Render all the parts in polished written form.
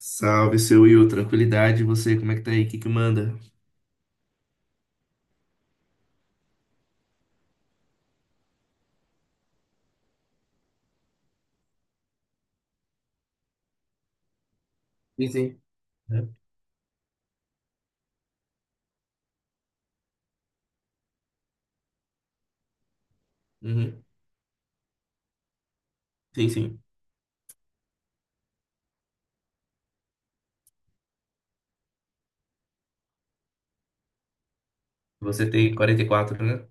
Salve, seu Will. Tranquilidade. E você, como é que tá aí? O que que manda? Sim, sim. É. Uhum. Sim, sim. Você tem 44, né?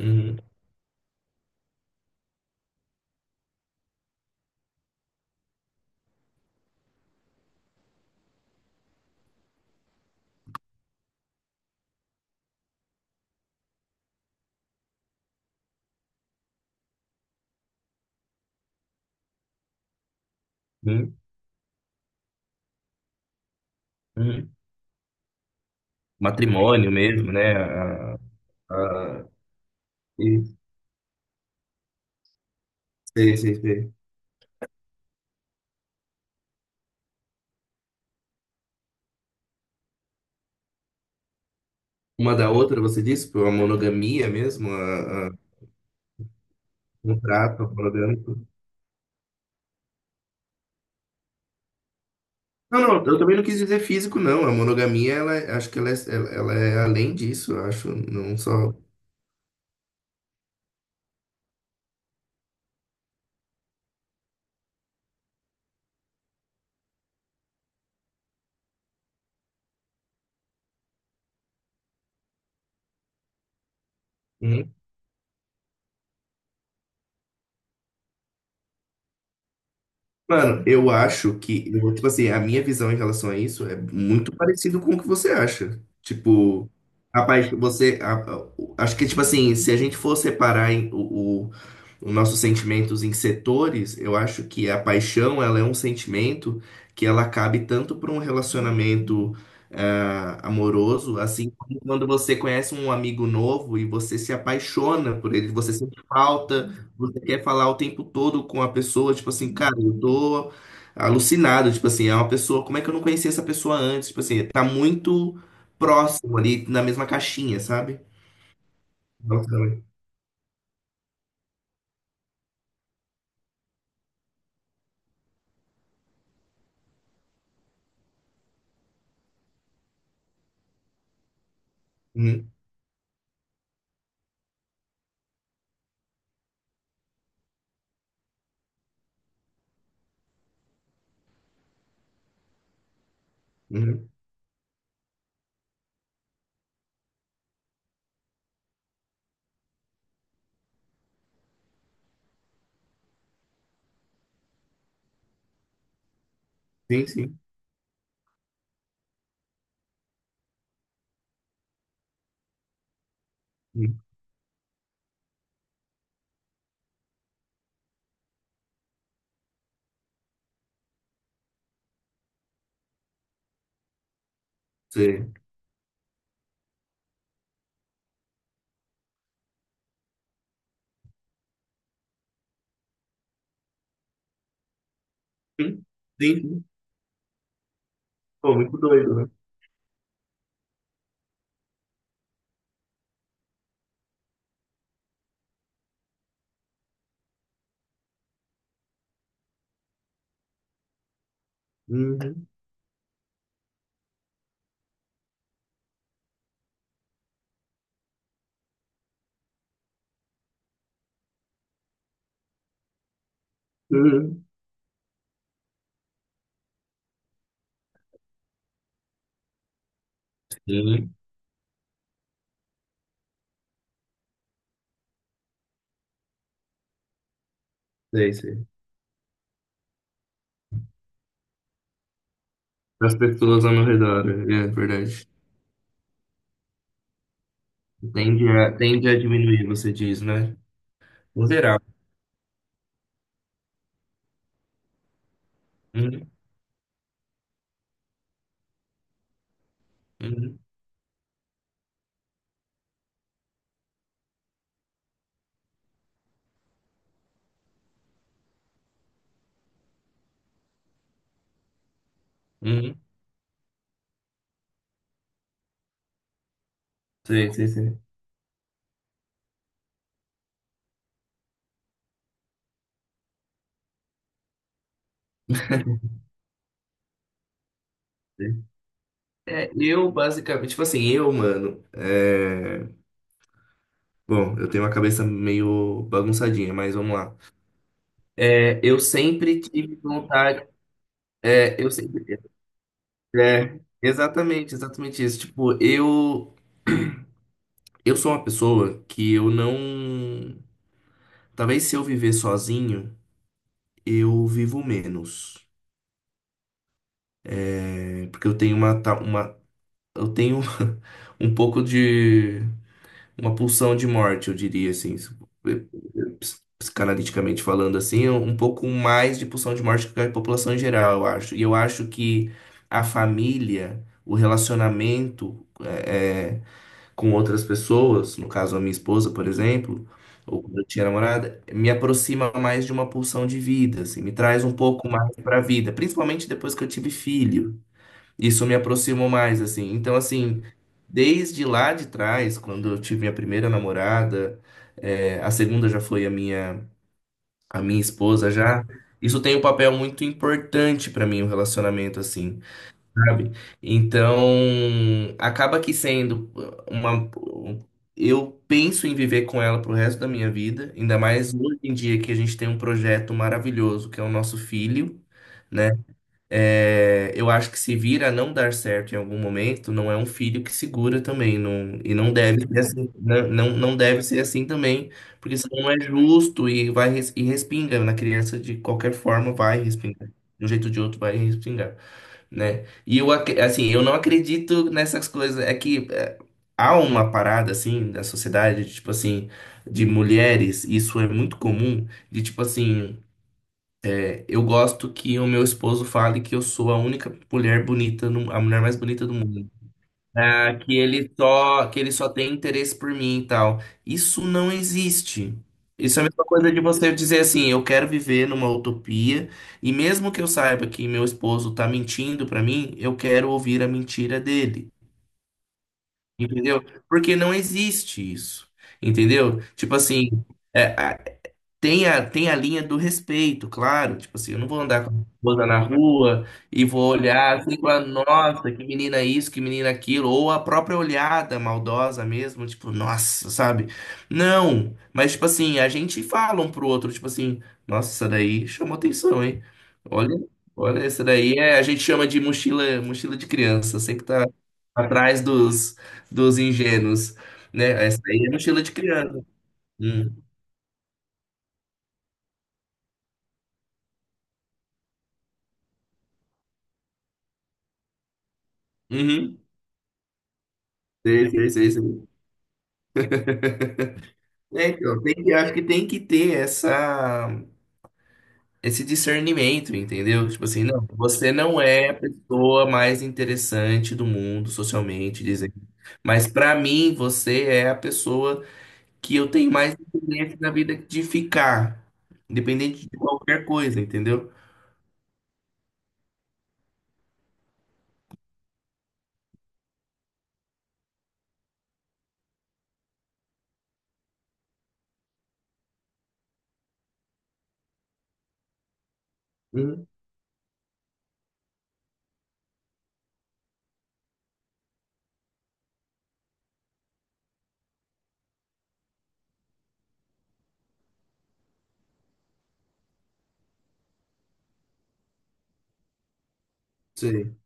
Uhum. Uhum. Uhum. Matrimônio mesmo, né? A... e- Sei, sei, sei. Uma da outra, você disse? Pô, a monogamia mesmo? A... Contrato monogâmico? Não, não. Eu também não quis dizer físico, não. A monogamia, ela, acho que ela é, ela é além disso, eu acho. Não só... Mano, eu acho que, tipo assim, a minha visão em relação a isso é muito parecido com o que você acha. Tipo, rapaz, você, acho que, tipo assim, se a gente for separar o, os nossos sentimentos em setores, eu acho que a paixão, ela é um sentimento que ela cabe tanto para um relacionamento amoroso, assim como quando você conhece um amigo novo e você se apaixona por ele, você sente falta. Você quer falar o tempo todo com a pessoa, tipo assim, cara, eu tô alucinado, tipo assim, é uma pessoa, como é que eu não conhecia essa pessoa antes? Tipo assim, tá muito próximo ali, na mesma caixinha, sabe? Nossa, também. Uhum, uhum. Sim, sim. Uhum. Sei. Uhum. Sim, sim. Pô, muito doido, né? Uhum. Uhum. Sim, sei, sei. As pessoas ao meu redor, é verdade. Tende a, tende a diminuir, você diz, né? Moderar. Uhum, uhum, uhum. Sei, sei, sei. É, eu basicamente, tipo assim, eu, mano, é... Bom, eu tenho uma cabeça meio bagunçadinha, mas vamos lá. É, eu sempre tive vontade, é, eu sempre, é, exatamente, exatamente isso. Tipo, eu sou uma pessoa que eu não, talvez se eu viver sozinho, eu vivo menos. Porque eu tenho uma, uma, eu tenho um pouco de uma pulsão de morte, eu diria assim, psicanaliticamente falando assim, é um pouco mais de pulsão de morte que a população em geral, eu acho. E eu acho que a família, o relacionamento com outras pessoas, no caso a minha esposa, por exemplo, ou quando eu tinha namorada, me aproxima mais de uma pulsão de vida, assim, me traz um pouco mais para a vida, principalmente depois que eu tive filho, isso me aproximou mais, assim. Então, assim, desde lá de trás, quando eu tive minha primeira namorada, é, a segunda já foi a minha esposa já. Isso tem um papel muito importante para mim, o relacionamento, assim, sabe? Então, acaba que sendo uma. Eu penso em viver com ela pro resto da minha vida, ainda mais hoje em dia que a gente tem um projeto maravilhoso, que é o nosso filho, né? É, eu acho que se vir a não dar certo em algum momento, não é um filho que segura também, não, e não deve ser assim, né? Não, não deve ser assim também, porque senão não é justo e vai e respinga na criança de qualquer forma, vai respingar. De um jeito ou de outro vai respingar, né? E eu, assim, eu não acredito nessas coisas, é que é, há uma parada, assim, da sociedade, tipo assim, de mulheres, isso é muito comum, de tipo assim. Eu gosto que o meu esposo fale que eu sou a única mulher bonita, a mulher mais bonita do mundo. Ah, que ele só tem interesse por mim e tal. Isso não existe. Isso é a mesma coisa de você dizer assim, eu quero viver numa utopia, e mesmo que eu saiba que meu esposo tá mentindo pra mim, eu quero ouvir a mentira dele. Entendeu? Porque não existe isso. Entendeu? Tipo assim, é. Tem a, tem a linha do respeito, claro. Tipo assim, eu não vou andar com a minha esposa na rua e vou olhar assim e falar, nossa, que menina isso, que menina aquilo, ou a própria olhada maldosa mesmo, tipo, nossa, sabe? Não, mas tipo assim, a gente fala um pro outro, tipo assim, nossa, essa daí chamou atenção, hein? Olha, olha, essa daí é, a gente chama de mochila, mochila de criança, sempre tá atrás dos, dos ingênuos, né? Essa daí é mochila de criança. Hum. Uhum. Sei, sei, sei, sei. É, então, acho que tem que ter essa, esse discernimento, entendeu? Tipo assim, não, você não é a pessoa mais interessante do mundo socialmente, dizem. Mas pra mim, você é a pessoa que eu tenho mais interesse na vida de ficar, independente de qualquer coisa, entendeu? Uhum, sei.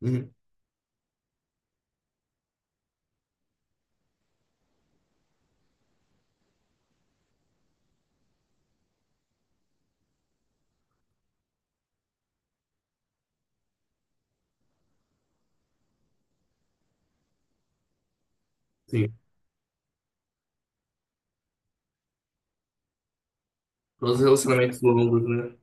Uhum, sim. Todos os relacionamentos longos, né?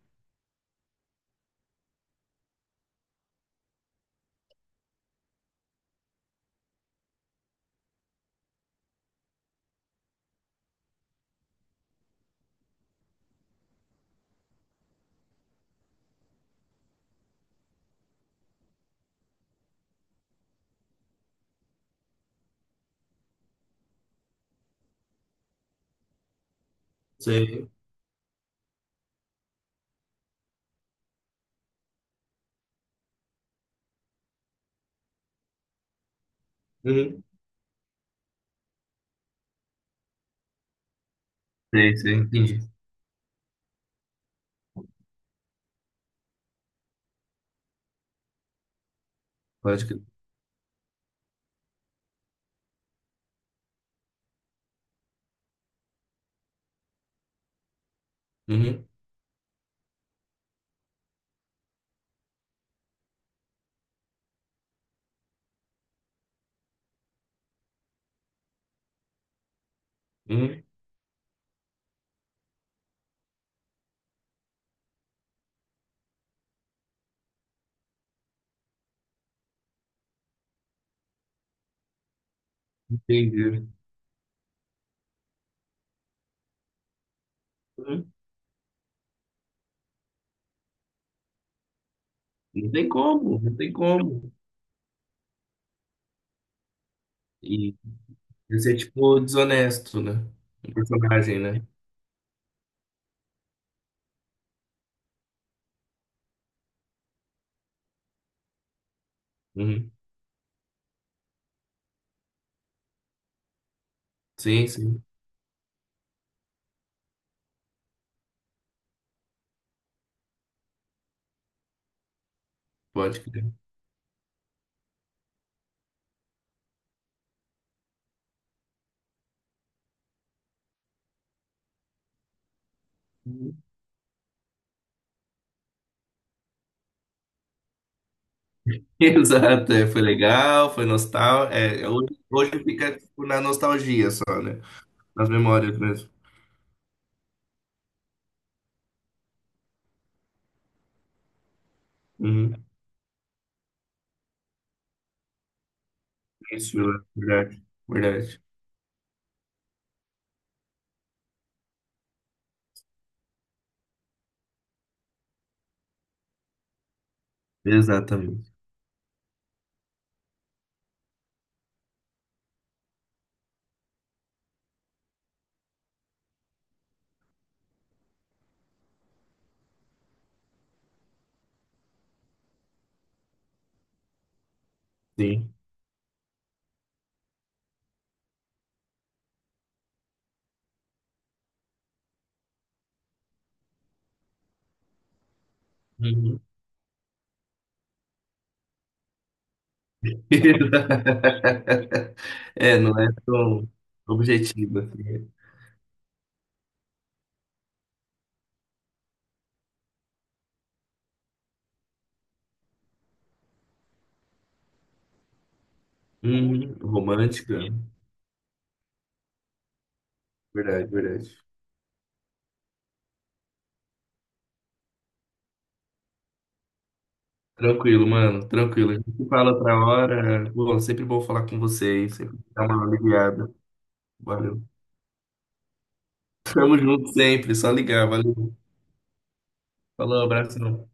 Sei. Uhum. Sei, sei, entendi. Pode que. Uhum, uhum, entendi. Uhum. Não tem como, não tem como. E esse é tipo desonesto, né? O personagem, né? Uhum. Sim, sim, pode crer. Uhum. Exato, é, foi legal, foi nostálgico. É, hoje, hoje fica tipo, na nostalgia só, né? Nas memórias mesmo. Uhum. É isso, é verdade, verdade. Exatamente. Sim. Uhum. É, não é tão objetiva, assim. Uhum. Romântica. Verdade, verdade. Tranquilo, mano, tranquilo. A gente fala outra hora. Bom, sempre bom falar com vocês, sempre dá uma aliviada. Valeu. Tamo junto sempre, só ligar, valeu. Falou, abração.